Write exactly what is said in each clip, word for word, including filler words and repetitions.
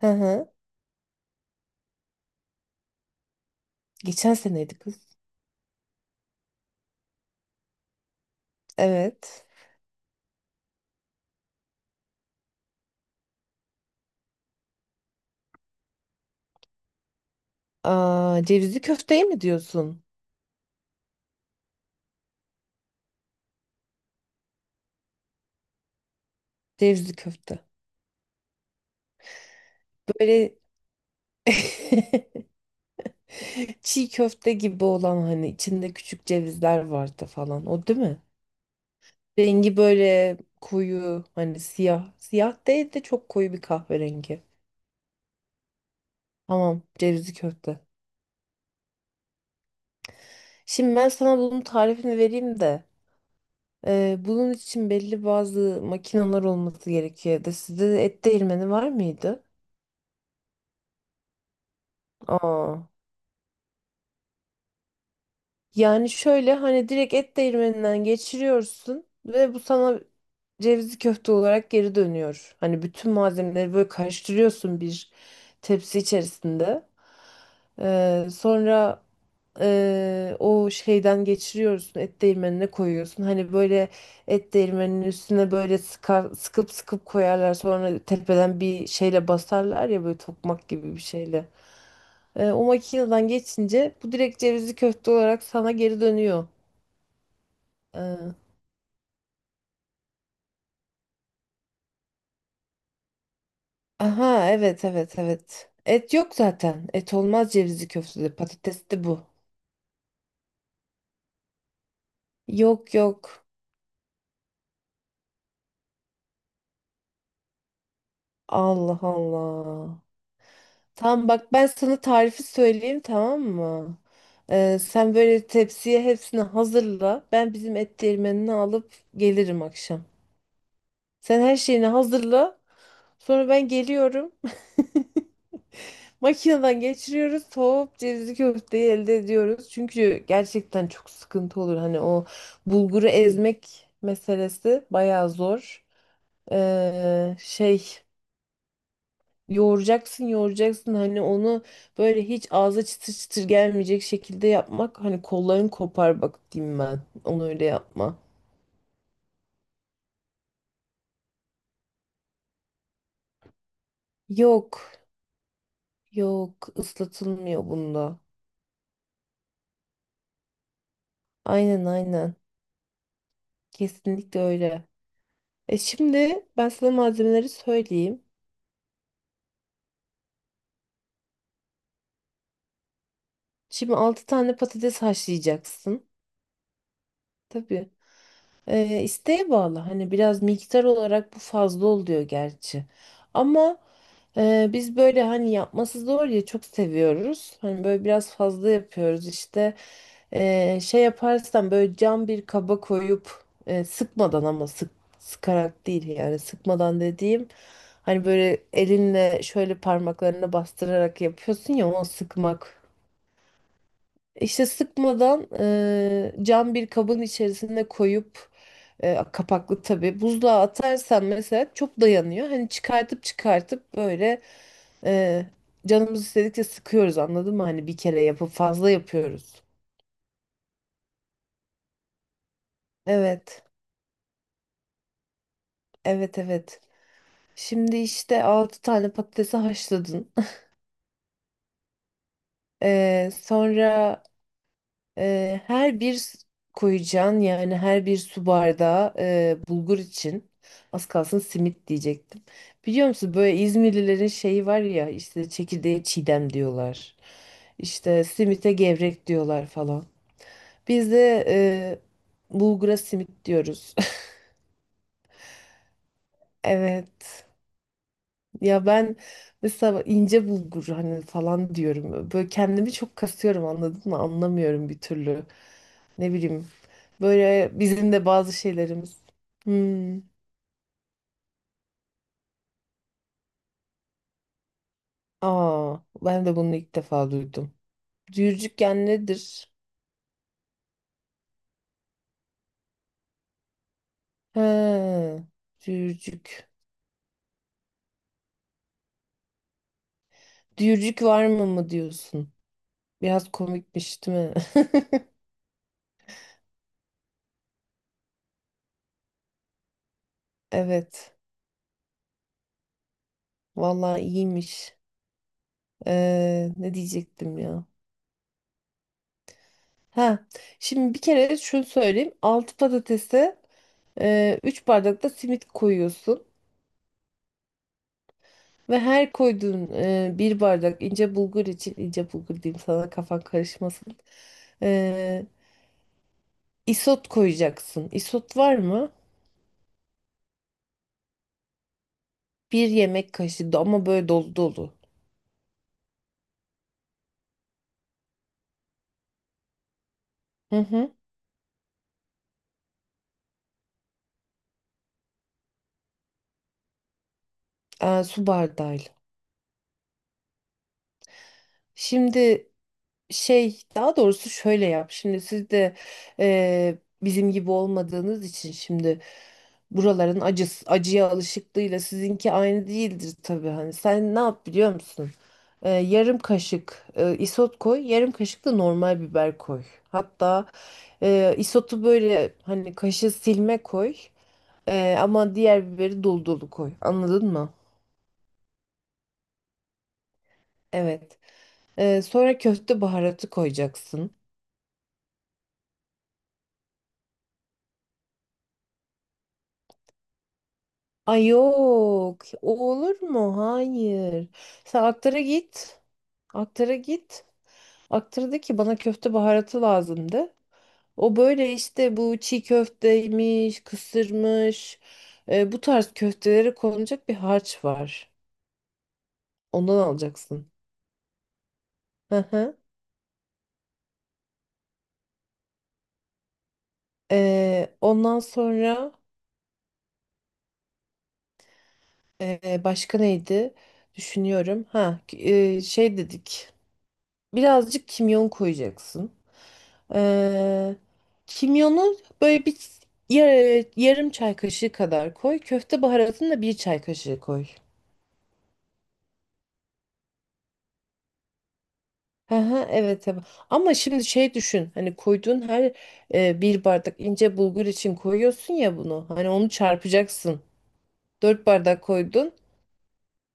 Hı hı. Geçen seneydi kız. Evet. Aa, cevizli köfteye mi diyorsun? Cevizli köfte. Böyle çiğ köfte gibi olan hani içinde küçük cevizler vardı falan. O değil mi? Rengi böyle koyu hani siyah. Siyah değil de çok koyu bir kahverengi. Tamam, cevizli köfte. Şimdi ben sana bunun tarifini vereyim de. e, bunun için belli bazı makineler olması gerekiyor evde. Sizde et değirmeni var mıydı? Aa. Yani şöyle, hani direkt et değirmeninden geçiriyorsun ve bu sana cevizli köfte olarak geri dönüyor. Hani bütün malzemeleri böyle karıştırıyorsun bir tepsi içerisinde. Ee, sonra ee, o şeyden geçiriyorsun, et değirmenine koyuyorsun. Hani böyle et değirmeninin üstüne böyle sıkar, sıkıp sıkıp koyarlar. Sonra tepeden bir şeyle basarlar ya, böyle tokmak gibi bir şeyle. Ee, o makineden geçince bu direkt cevizli köfte olarak sana geri dönüyor. Aha, evet, evet, evet. Et yok zaten. Et olmaz cevizli köftede. Patates de bu. Yok, yok. Allah Allah. Tamam bak, ben sana tarifi söyleyeyim, tamam mı? Ee, sen böyle tepsiye hepsini hazırla. Ben bizim et değirmenini alıp gelirim akşam. Sen her şeyini hazırla. Sonra ben geliyorum. Makineden geçiriyoruz, soğup cevizli köfteyi elde ediyoruz. Çünkü gerçekten çok sıkıntı olur. Hani o bulguru ezmek meselesi bayağı zor. Ee, şey, yoğuracaksın, yoğuracaksın. Hani onu böyle hiç ağza çıtır çıtır gelmeyecek şekilde yapmak. Hani kolların kopar bak diyeyim ben. Onu öyle yapma. Yok, yok, ıslatılmıyor bunda. Aynen, aynen. Kesinlikle öyle. E şimdi ben sana malzemeleri söyleyeyim. Şimdi altı tane patates haşlayacaksın. Tabii. Ee, isteğe bağlı. Hani biraz miktar olarak bu fazla oluyor gerçi. Ama e, biz böyle hani yapması zor ya çok seviyoruz. Hani böyle biraz fazla yapıyoruz işte. Ee, şey yaparsan böyle cam bir kaba koyup e, sıkmadan, ama sık sıkarak değil yani, sıkmadan dediğim hani böyle elinle şöyle parmaklarına bastırarak yapıyorsun ya, o sıkmak. İşte sıkmadan eee, cam bir kabın içerisine koyup eee, kapaklı tabii, buzluğa atarsan mesela çok dayanıyor. Hani çıkartıp çıkartıp böyle eee, canımız istedikçe sıkıyoruz, anladın mı? Hani bir kere yapıp fazla yapıyoruz. Evet, evet, evet. Şimdi işte altı tane patatesi haşladın. Eee, sonra Eee, her bir s- koyacağın, yani her bir su bardağı eee, bulgur için, az kalsın simit diyecektim. Biliyor musun, böyle İzmirlilerin şeyi var ya, işte çekirdeğe çiğdem diyorlar. İşte simite gevrek diyorlar falan. Biz de eee, bulgura simit diyoruz. Evet. Ya ben mesela ince bulgur hani falan diyorum. Böyle kendimi çok kasıyorum, anladın mı? Anlamıyorum bir türlü. Ne bileyim. Böyle bizim de bazı şeylerimiz. Hmm. Aa, ben de bunu ilk defa duydum. Düğürcükken nedir? He, düğürcük. Düğürcük var mı mı diyorsun? Biraz komikmiş değil mi? Evet. Vallahi iyiymiş. Ee, ne diyecektim ya? Ha, şimdi bir kere şunu söyleyeyim. altı patatese e, üç bardak da simit koyuyorsun. Ve her koyduğun e, bir bardak ince bulgur için, ince bulgur diyeyim sana kafan karışmasın. E, isot koyacaksın. Isot var mı? Bir yemek kaşığı da- ama böyle dolu dolu. Hı hı. E, su bardağıyla. Şimdi, Şey daha doğrusu şöyle yap. Şimdi siz de eee, bizim gibi olmadığınız için şimdi buraların acısı, acıya alışıklığıyla sizinki aynı değildir tabii. Hani sen ne yap biliyor musun? Eee, yarım kaşık eee, isot koy, yarım kaşık da normal biber koy. Hatta eee, isotu böyle hani kaşığı silme koy. Eee, ama diğer biberi dolu dolu koy, anladın mı? Evet. Eee, sonra köfte baharatı koyacaksın. Ay, yok. O olur mu? Hayır. Sen aktara git. Aktara git. Aktara de ki, bana köfte baharatı lazımdı. O böyle işte, bu çiğ köfteymiş, kısırmış, e, bu tarz köftelere konulacak bir harç var. Ondan alacaksın. Hı hı. E, ondan sonra, e, başka neydi? Düşünüyorum. Ha, e, şey dedik. Birazcık kimyon koyacaksın. Ee, kimyonu böyle bir yar- yarım çay kaşığı kadar koy. Köfte baharatını da bir çay kaşığı koy. Hı hı, evet, evet. Ama şimdi şey düşün. Hani koyduğun her e, bir bardak ince bulgur için koyuyorsun ya bunu. Hani onu çarpacaksın. Dört bardak koydun.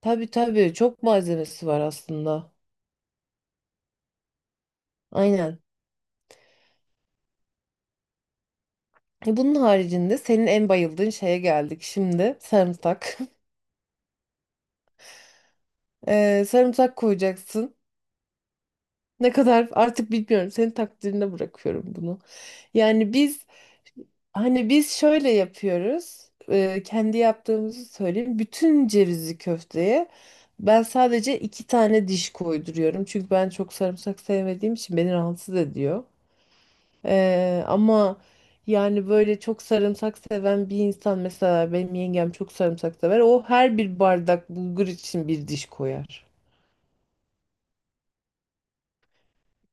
Tabii, tabii, çok malzemesi var aslında. Aynen. E, Bunun haricinde, senin en bayıldığın şeye geldik şimdi. Sarımsak. Ee, sarımsak koyacaksın. Ne kadar, artık bilmiyorum. Senin takdirine bırakıyorum bunu. Yani biz, hani biz şöyle yapıyoruz. E, kendi yaptığımızı söyleyeyim. Bütün cevizli köfteye ben sadece iki tane diş koyduruyorum. Çünkü ben çok sarımsak sevmediğim için beni rahatsız ediyor. E, ama yani böyle çok sarımsak seven bir insan, mesela benim yengem çok sarımsak sever. O her bir bardak bulgur için bir diş koyar.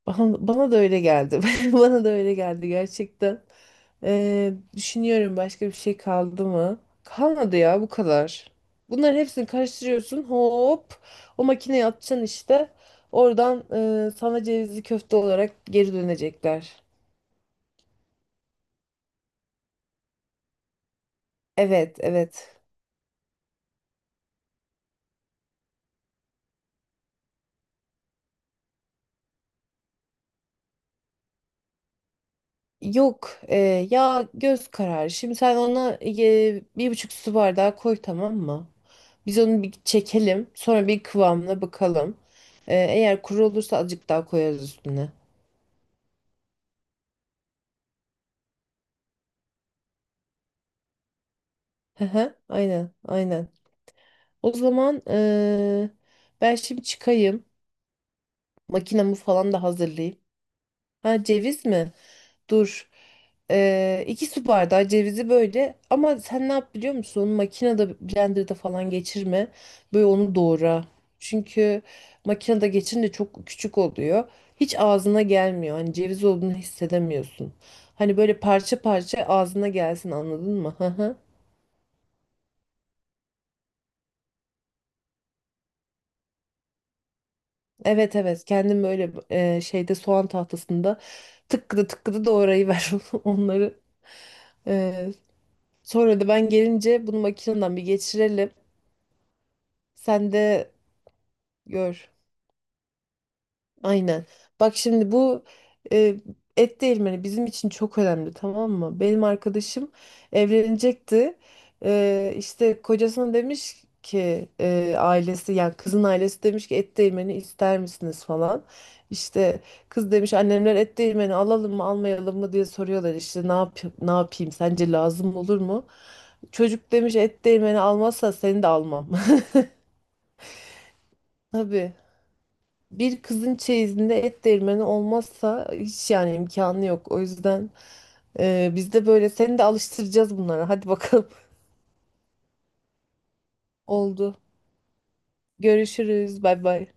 Bana, bana da öyle geldi. Bana da öyle geldi gerçekten. Ee, düşünüyorum başka bir şey kaldı mı? Kalmadı ya, bu kadar. Bunların hepsini karıştırıyorsun. Hop, o makineye atacaksın işte. Oradan e, sana cevizli köfte olarak geri dönecekler. Evet, evet. Yok e, ya göz kararı. Şimdi sen ona e, bir buçuk su bardağı koy, tamam mı? Biz onu bir çekelim. Sonra bir kıvamına bakalım. Ee, eğer kuru olursa azıcık daha koyarız üstüne. Hı hı, aynen, aynen. O zaman ee, ben şimdi çıkayım. Makinamı falan da hazırlayayım. Ha, ceviz mi? Dur. Ee, iki su bardağı cevizi böyle, ama sen ne yap biliyor musun? Onu makinede, blenderda falan geçirme. Böyle onu doğra. Çünkü makinede geçirince çok küçük oluyor. Hiç ağzına gelmiyor. Hani ceviz olduğunu hissedemiyorsun. Hani böyle parça parça ağzına gelsin, anladın mı? Hı hı. Evet, evet, kendim böyle e, şeyde, soğan tahtasında tıkkıda tıkkıda doğrayıver onları. Ee, sonra da ben gelince bunu makineden bir geçirelim. Sen de gör. Aynen. Bak şimdi bu e, et değirmeni bizim için çok önemli, tamam mı? Benim arkadaşım evlenecekti. E, işte kocasına demiş ki, e, ailesi yani kızın ailesi demiş ki, et değirmeni ister misiniz falan. İşte kız demiş, annemler et değirmeni alalım mı almayalım mı diye soruyorlar, işte ne yap, ne yapayım, sence lazım olur mu? Çocuk demiş, et değirmeni almazsa seni de almam. Tabii. Bir kızın çeyizinde et değirmeni olmazsa hiç, yani imkanı yok. O yüzden e, biz de böyle seni de alıştıracağız bunlara. Hadi bakalım. Oldu. Görüşürüz. Bay bay.